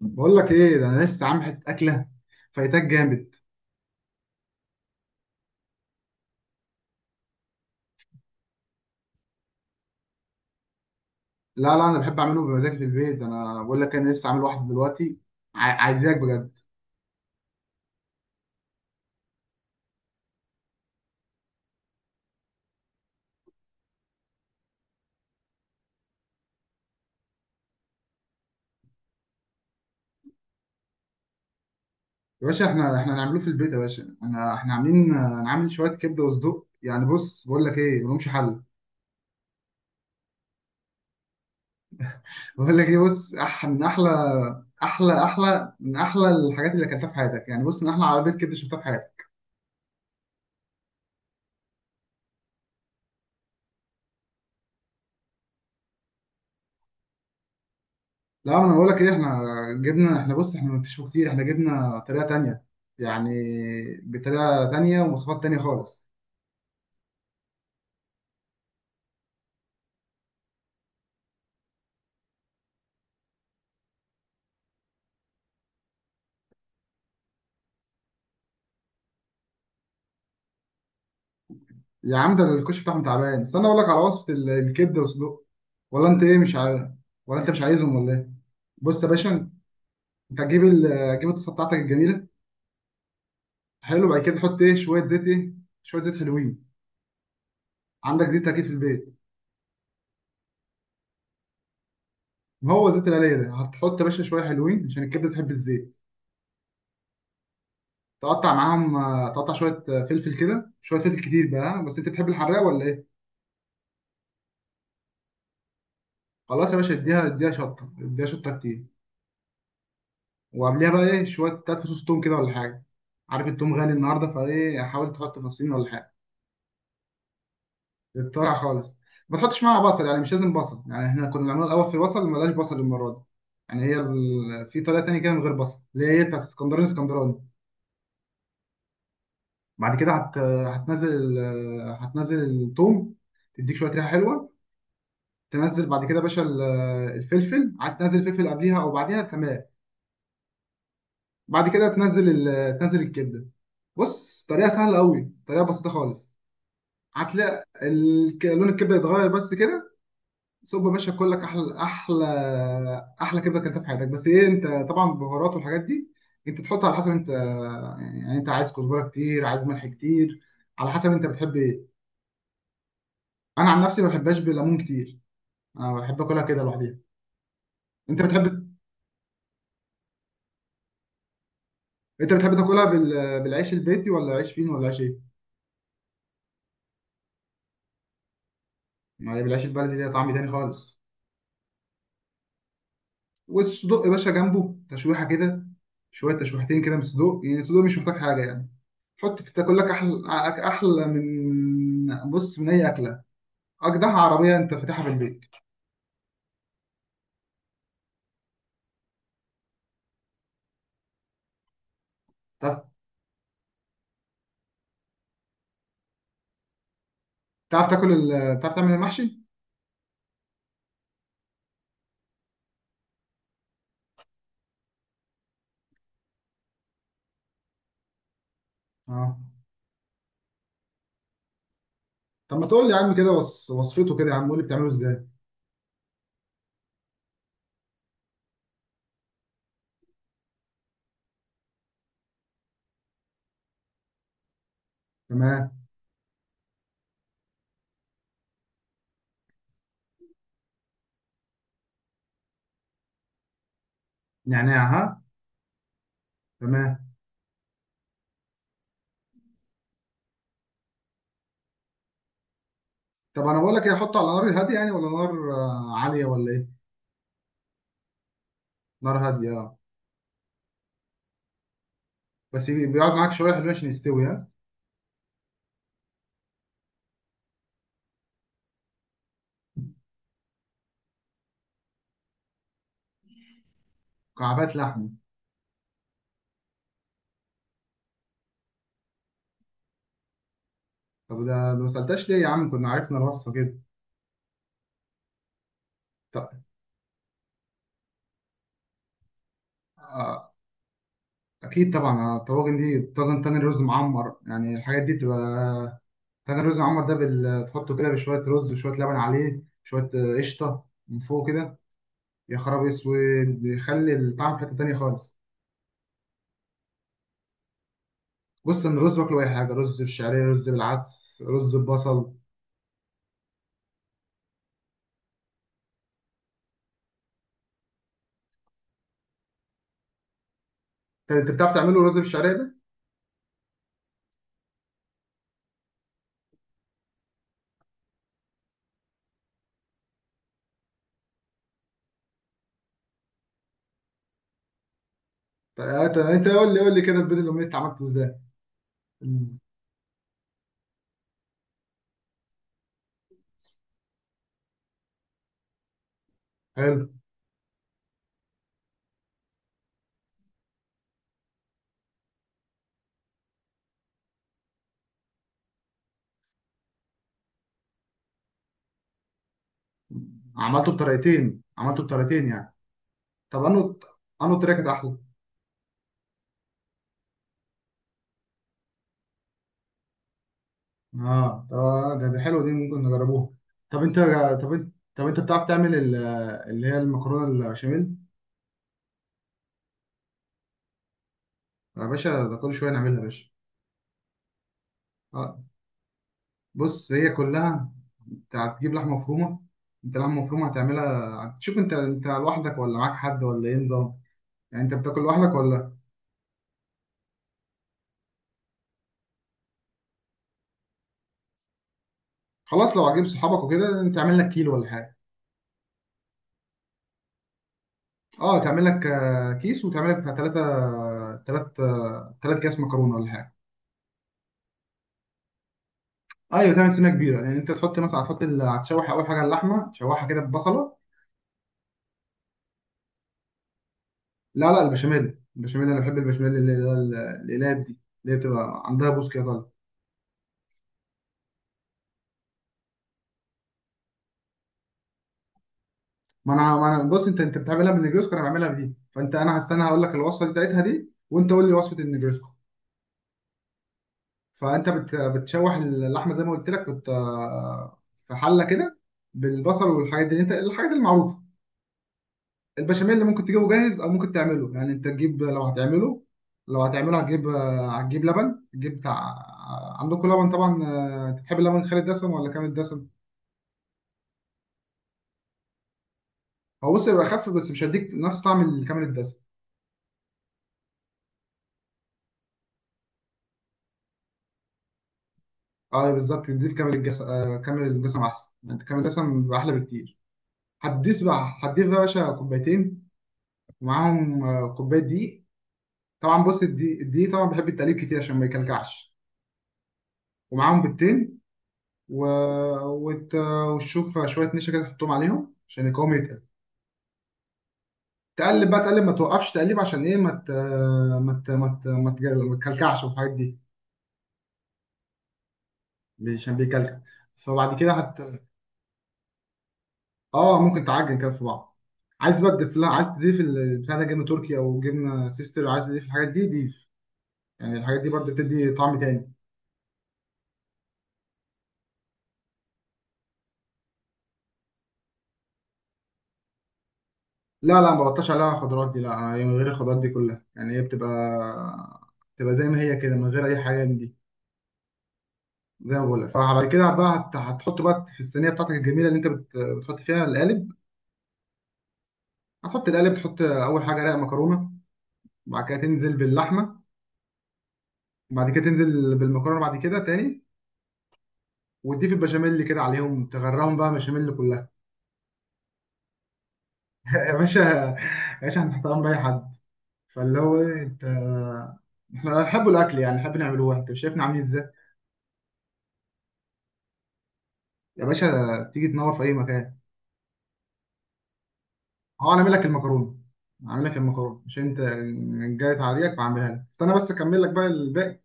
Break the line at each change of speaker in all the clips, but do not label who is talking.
بقول لك ايه، ده انا لسه عامل حته اكله فايتاك جامد. لا، لا، انا بحب اعمله بمزاج في البيت. انا بقول لك انا لسه عامل واحده دلوقتي. عايزاك بجد. يا باشا، احنا هنعمله في البيت يا باشا. انا احنا عاملين، انا عامل شويه كبده وصدوق. يعني بص، بقول لك ايه، ملهمش حل. بقول لك ايه، بص، أح من احلى احلى احلى من احلى الحاجات اللي اكلتها في حياتك. يعني بص، من احلى عربيه كبده شفتها في حياتك. لا، انا بقول لك ايه، احنا جبنا احنا بص احنا ما كتير احنا جبنا طريقه تانيه، يعني، بطريقه تانيه ومواصفات تانيه خالص. يا عم، ده الكشك بتاعهم تعبان. استنى اقول لك على وصفه الكبده والسجق، ولا انت ايه، مش عارف؟ ولا انت مش عايزهم ولا ايه؟ بص يا باشا، انت هتجيب الطاسه بتاعتك الجميله. حلو. بعد كده تحط ايه، شويه زيت ايه، شويه زيت حلوين. عندك زيت اكيد في البيت. ما هو زيت القليه ده. هتحط يا باشا شويه حلوين عشان الكبده تحب الزيت. تقطع معاهم، تقطع شويه، فلفل كده، شويه فلفل كتير بقى، ها؟ بس انت تحب الحراق ولا ايه؟ خلاص يا باشا، اديها، اديها شطه، اديها شطه كتير. وقبليها بقى ايه، شويه تلات فصوص توم كده، ولا حاجه. عارف التوم غالي النهارده، فايه حاول تحط فصين ولا حاجه. تتطرع خالص. ما تحطش معاها بصل، يعني مش لازم بصل. يعني احنا كنا بنعمله الاول في بصل، ملاش بصل المره دي. يعني هي في طريقه تانية كده من غير بصل، اللي هي بتاعت اسكندراني اسكندراني. بعد كده هتنزل ال... هتنزل التوم، تديك شويه ريحه حلوه. تنزل بعد كده يا باشا الفلفل، عايز تنزل فلفل قبليها او بعديها، تمام. بعد كده تنزل تنزل الكبده. بص، طريقه سهله قوي، طريقه بسيطه خالص. هتلاقي لون الكبده يتغير بس كده. صب يا باشا، كلك احلى، احلى كبده كلتها في حياتك. بس ايه، انت طبعا البهارات والحاجات دي انت تحط على حسب انت، يعني انت عايز كزبره كتير، عايز ملح كتير، على حسب انت بتحب ايه. انا عن نفسي ما بحبهاش بليمون كتير، انا بحب اكلها كده لوحدها. انت بتحب انت بتحب تاكلها بالعيش البيتي، ولا عيش فين، ولا عيش ايه؟ ما هي بالعيش البلدي ليها طعم تاني خالص. والصدوق يا باشا جنبه تشويحه كده، شويه تشويحتين كده من الصدوق. يعني الصدوق مش محتاج حاجه يعني. حط تاكل لك احلى، احلى من اي اكله، اجدع عربيه انت فاتحها في البيت. تعرف تعرف تعمل المحشي؟ اه، طب ما تقول لي يا عم كده وصفته كده يا عم، قول لي بتعمله ازاي. تمام. نعناع، ها؟ تمام. طب انا بقول لك ايه، احطه على نار هاديه يعني، ولا نار، عاليه، ولا ايه؟ نار هاديه، اه. بس بيقعد معاك شويه حلوين عشان يستوي، ها. مكعبات لحمه؟ طب ده ما سالتش ليه يا عم، كنا عرفنا الوصفه كده. ط- آه، اكيد طبعا، الطواجن دي طاجن تاني. رز معمر، يعني الحاجات دي بتبقى. طاجن رز معمر ده تحطه كده بشويه رز وشويه لبن، عليه شويه، قشطه من فوق كده. يا خراب اسود، بيخلي الطعم في حته تانيه خالص. بص، ان الرز باكله اي حاجه، رز بالشعريه، رز بالعدس، رز ببصل. طب انت بتعرف تعمله رز بالشعريه ده؟ طب انت قول لي، قول لي كده، البيض الاومليت انت عملته ازاي؟ حلو. عملته بطريقتين، عملته بطريقتين يعني. طب انه طريقه كانت احلى؟ اه، طب ده حلو، دي ممكن نجربوها. طب انت طب انت طب انت بتعرف تعمل اللي هي المكرونه البشاميل؟ يا باشا، ده كل شويه نعملها يا باشا. اه، بص، هي كلها انت هتجيب لحمه مفرومه. انت لحمه مفرومه هتعملها. شوف انت، انت لوحدك ولا معاك حد، ولا ايه نظام؟ يعني انت بتاكل لوحدك ولا؟ خلاص، لو هتجيب صحابك وكده انت تعمل لك كيلو ولا حاجه. اه، تعمل لك، كيس، وتعمل لك بتاع 3، 3، 3 كيس مكرونه ولا حاجه. ايوه تعمل سنه كبيره، يعني انت تحط مثلا، هتشوح اول حاجه اللحمه، تشوحها كده ببصله. لا، لا، البشاميل، البشاميل انا بحب البشاميل، اللي هو القلاب دي، اللي هي بتبقى عندها بوس كده طالع. ما انا بص، انت بتعملها بالنجريسكو، انا بعملها بدي، فانت انا هستنى، هقول لك الوصفه بتاعتها دي، وانت قول لي وصفه النجريسكو. فانت بتشوح اللحمه زي ما قلت لك في حله كده، بالبصل والحاجات دي، انت الحاجات المعروفه. البشاميل اللي ممكن تجيبه جاهز، او ممكن تعمله، يعني انت تجيب، لو هتعمله، لو هتعمله هتجيب، هتجيب لبن، تجيب بتاع، عندكم لبن طبعا، انت بتحب اللبن خالي الدسم ولا كامل الدسم؟ هو بص، يبقى خف، بس مش هيديك نفس طعم الكامل الدسم. اه أيوة بالظبط، تضيف كامل الجس... آه، كامل الدسم احسن، انت كامل الدسم بيبقى احلى بكتير. هتضيف بقى يا باشا كوبايتين، ومعاهم، كوبايه دقيق. طبعا بص، الدقيق طبعا بيحب التقليب كتير عشان ما يكلكعش. ومعاهم بيضتين، و... وت... وتشوف شويه نشا كده تحطهم عليهم عشان القوام يتقل. تقلب بقى، تقلب، ما توقفش تقليب، عشان ايه، ما ت... ما ت... ما ت... ما تجل- ما تكلكعش والحاجات دي، عشان بيكلكع. فبعد كده هت اه، ممكن تعجن كده في بعض. عايز بقى تضيف لها، عايز تضيف البتاع ده، جبنه تركي او جبنه سيستر، عايز تضيف الحاجات دي ضيف، يعني الحاجات دي برضه بتدي طعم تاني. لا لا، ما بغطاش عليها خضروات دي. لا، هي من غير الخضروات دي كلها، يعني هي بتبقى، بتبقى زي ما هي كده من غير اي حاجه من دي. زي ما بقول لك، فبعد كده بقى هتحط بقى في الصينيه بتاعتك الجميله، اللي انت بتحط فيها القالب. هتحط القالب، تحط اول حاجه رق مكرونه، بعد كده تنزل باللحمه، بعد كده تنزل بالمكرونه بعد كده تاني، وتضيف البشاميل كده عليهم، تغرقهم بقى بشاميل كلها. يا باشا، يا باشا هنحط امر اي حد. فاللي هو ايه انت، احنا بنحب الاكل يعني، بنحب نعمله، انت مش شايفنا عاملين ازاي. يا باشا، تيجي تنور في اي مكان. هو انا اعمل لك المكرونه، اعمل لك المكرونه مش انت. جاي تعريك، بعملها لك، استنى بس اكمل لك بقى الباقي.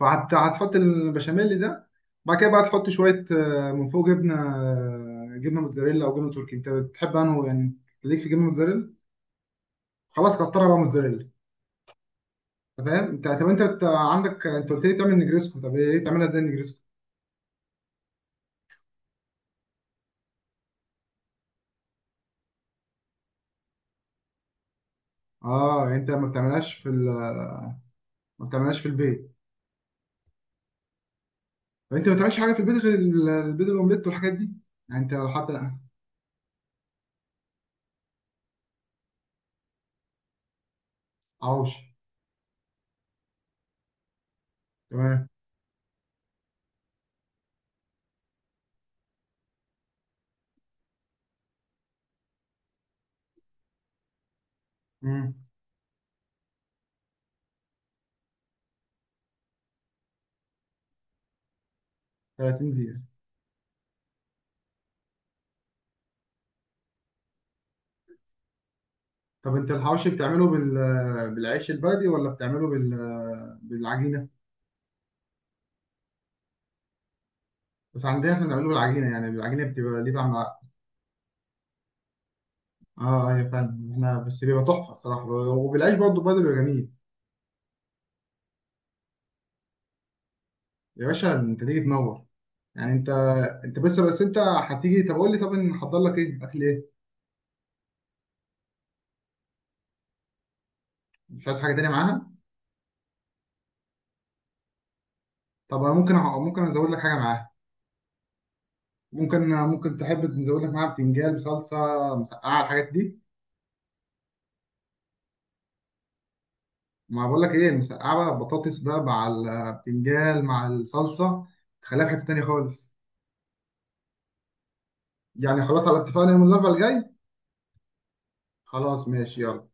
فهتحط البشاميل ده، بعد كده بقى تحط شوية، من فوق جبنة، جبنة موتزاريلا أو جبنة تركي، أنت بتحب أنه يعني. ليك في جبنة موتزاريلا. خلاص، كترها بقى موتزاريلا. أنت فاهم أنت، طب أنت عندك، أنت قلت لي تعمل نجريسكو، طب إيه، بتعملها إزاي النجريسكو؟ أه يعني أنت ما بتعملهاش ما بتعملهاش في البيت. طب أنت ما بتعملش حاجة في البيت غير البيض الأومليت والحاجات دي؟ يعني أنت لو حتى. حواوشي. تمام. امم. 30 دقيقة. طب أنت الحواوشي بتعمله بالعيش البلدي، ولا بتعمله بالعجينة؟ بس عندنا احنا بنعمله بالعجينه، يعني العجينه بتبقى ليه طعم، اه. اه يا فندم، احنا بس بيبقى تحفه الصراحه، وبالعيش برضه، برضه بيبقى جميل. يا باشا انت تيجي تنور، يعني انت، انت بس، بس انت هتيجي، طب قول لي، طب نحضر لك ايه، اكل ايه؟ مش عايز حاجه تانيه معاها؟ طب انا ممكن ممكن ازود لك حاجه معاها. ممكن تحب نزود لك معاها بتنجان بصلصه، مسقعه، الحاجات دي. ما بقول لك ايه، المسقعه بقى، بطاطس بقى مع البتنجان مع الصلصه، خليها في حته تانيه خالص. يعني خلاص على اتفاقنا يوم الاربعاء الجاي. خلاص ماشي، يلا.